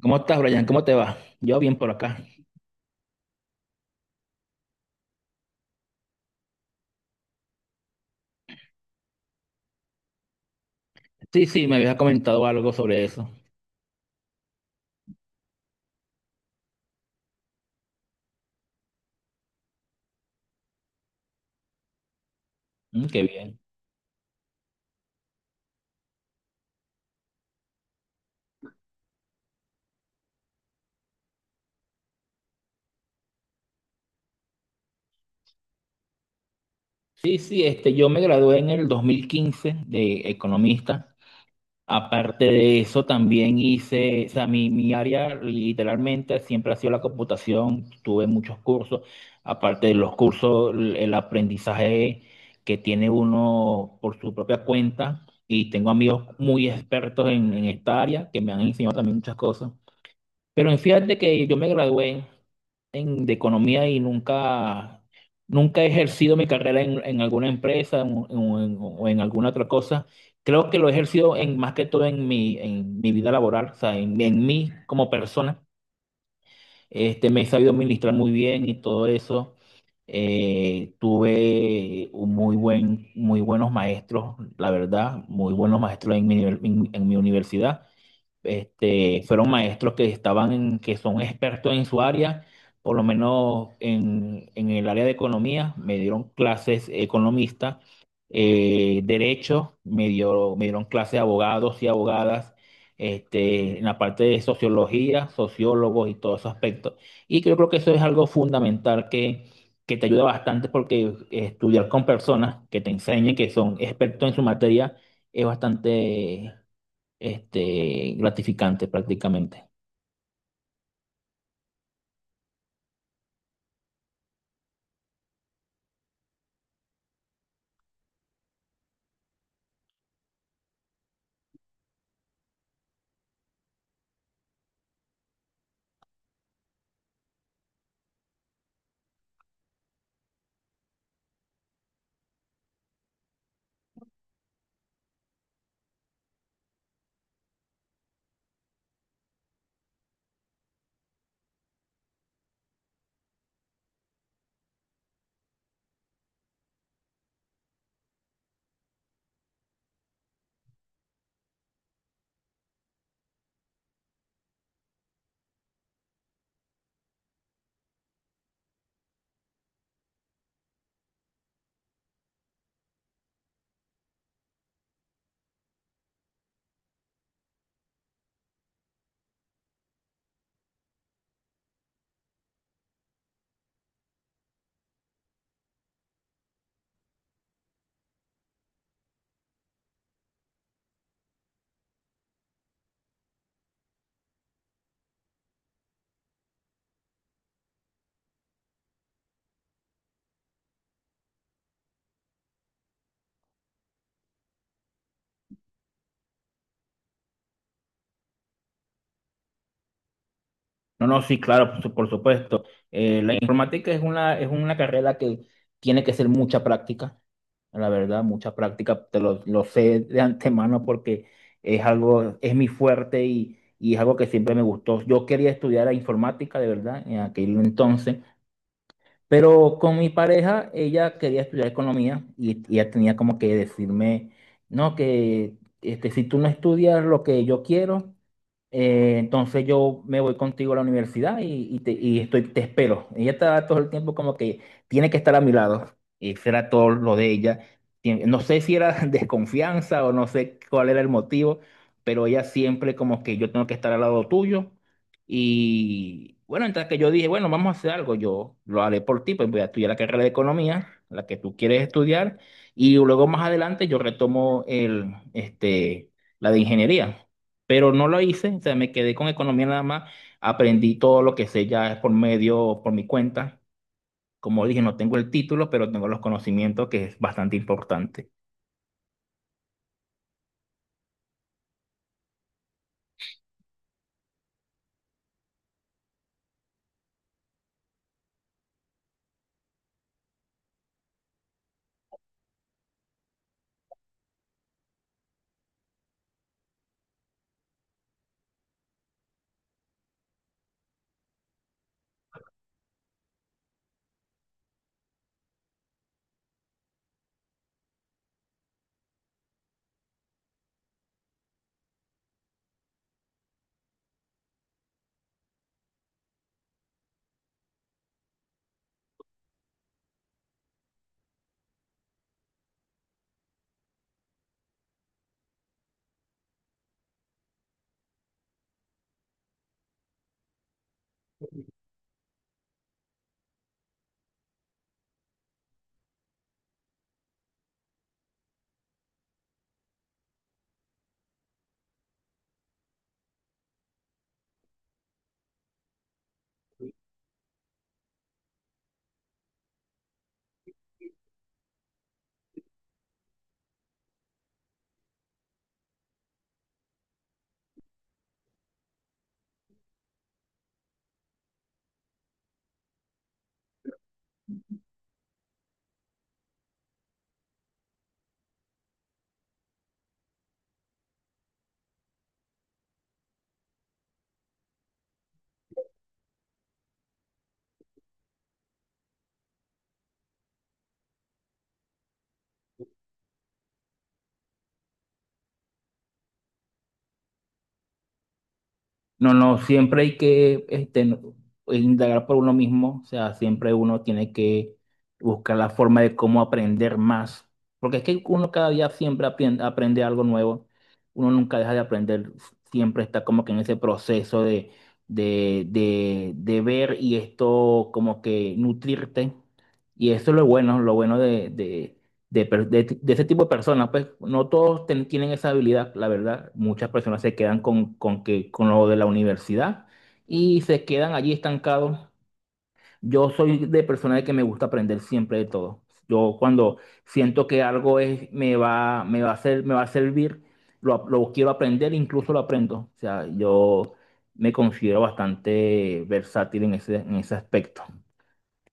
¿Cómo estás, Brian? ¿Cómo te va? Yo bien por acá. Sí, sí, me habías comentado algo sobre eso. Mm, qué bien. Sí, sí, yo me gradué en el 2015 de economista. Aparte de eso, también hice, o sea, mi área literalmente siempre ha sido la computación. Tuve muchos cursos. Aparte de los cursos, el aprendizaje que tiene uno por su propia cuenta. Y tengo amigos muy expertos en esta área que me han enseñado también muchas cosas. Pero fíjate que yo me gradué de economía y nunca he ejercido mi carrera en alguna empresa o en alguna otra cosa. Creo que lo he ejercido más que todo en en mi vida laboral, o sea, en mí como persona. Me he sabido administrar muy bien y todo eso. Tuve un muy buenos maestros, la verdad, muy buenos maestros en en mi universidad, fueron maestros que estaban que son expertos en su área, por lo menos en el área de economía, me dieron clases economistas, derecho, me dieron clases abogados y abogadas, en la parte de sociología, sociólogos y todos esos aspectos. Y yo creo que eso es algo fundamental que te ayuda bastante porque estudiar con personas que te enseñen, que son expertos en su materia, es bastante gratificante prácticamente. No, no, sí, claro, por supuesto. La informática es una carrera que tiene que ser mucha práctica, la verdad, mucha práctica. Te lo sé de antemano porque es es mi fuerte y es algo que siempre me gustó. Yo quería estudiar la informática, de verdad, en aquel entonces, pero con mi pareja, ella quería estudiar economía y ella tenía como que decirme, no, que si tú no estudias lo que yo quiero. Entonces yo me voy contigo a la universidad y estoy, te espero. Ella está todo el tiempo como que tiene que estar a mi lado. Y será todo lo de ella. No sé si era desconfianza o no sé cuál era el motivo, pero ella siempre como que yo tengo que estar al lado tuyo. Y bueno, entonces que yo dije, bueno, vamos a hacer algo, yo lo haré por ti, pues voy a estudiar la carrera de economía, la que tú quieres estudiar, y luego más adelante yo retomo la de ingeniería, pero no lo hice, o sea, me quedé con economía nada más, aprendí todo lo que sé ya por mi cuenta. Como dije, no tengo el título, pero tengo los conocimientos, que es bastante importante. No, no, siempre hay que pues, indagar por uno mismo, o sea, siempre uno tiene que buscar la forma de cómo aprender más, porque es que uno cada día siempre aprende, aprende algo nuevo, uno nunca deja de aprender, siempre está como que en ese proceso de ver y esto como que nutrirte, y eso es lo bueno de ese tipo de personas, pues no todos tienen esa habilidad, la verdad. Muchas personas se quedan con lo de la universidad y se quedan allí estancados. Yo soy de persona de que me gusta aprender siempre de todo. Yo cuando siento que me va a hacer, me va a servir, lo quiero aprender, incluso lo aprendo. O sea, yo me considero bastante versátil en en ese aspecto.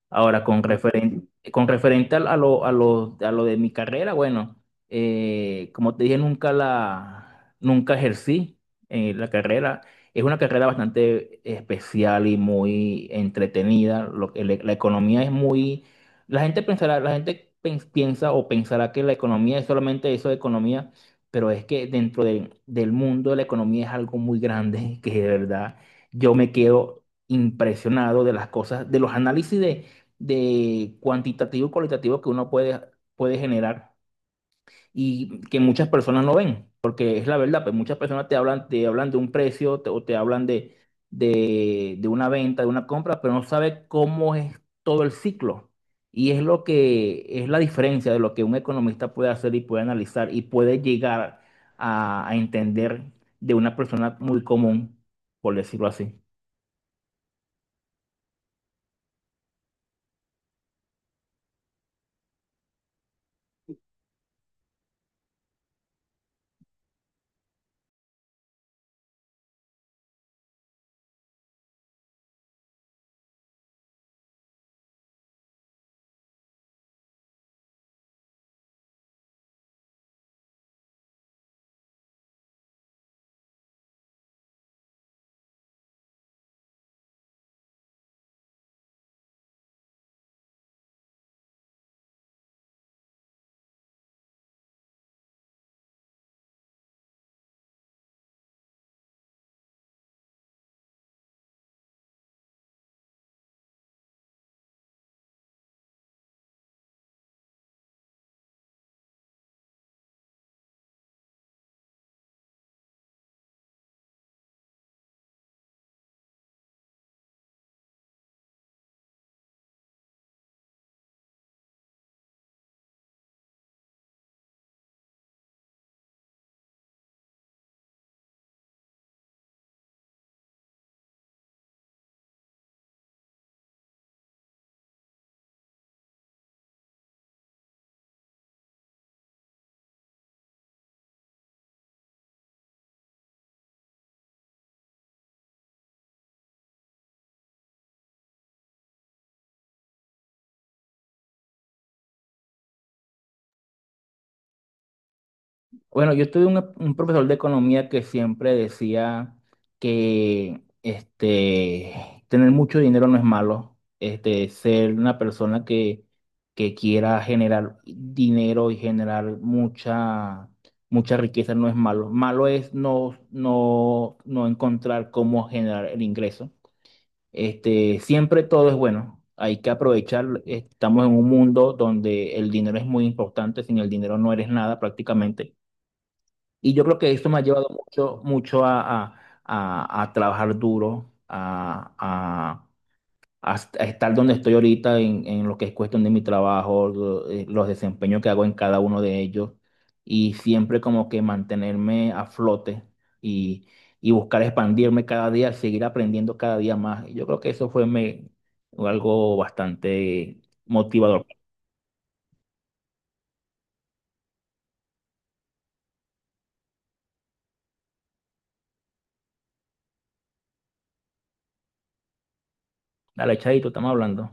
Ahora, con referente a lo de mi carrera, bueno, como te dije, nunca ejercí la carrera. Es una carrera bastante especial y muy entretenida. La economía es muy, la gente pensará, piensa o pensará que la economía es solamente eso de economía, pero es que dentro del mundo de la economía es algo muy grande que de verdad yo me quedo impresionado de las cosas, de los análisis de cuantitativo y cualitativo que uno puede generar y que muchas personas no ven, porque es la verdad, pues muchas personas te hablan de un o te hablan de una venta, de una compra, pero no sabe cómo es todo el ciclo. Y es lo que es la diferencia de lo que un economista puede hacer y puede analizar y puede llegar a entender de una persona muy común, por decirlo así. Bueno, yo tuve un profesor de economía que siempre decía que tener mucho dinero no es malo. Ser una persona que quiera generar dinero y generar mucha riqueza no es malo. Malo es no encontrar cómo generar el ingreso. Siempre todo es bueno. Hay que aprovechar. Estamos en un mundo donde el dinero es muy importante. Sin el dinero no eres nada prácticamente. Y yo creo que esto me ha llevado mucho, mucho a trabajar duro, a estar donde estoy ahorita en lo que es cuestión de mi trabajo, los desempeños que hago en cada uno de ellos, y siempre como que mantenerme a flote y, y buscar expandirme cada día, seguir aprendiendo cada día más. Y yo creo que eso fue algo bastante motivador. Dale, Chaito, estamos hablando.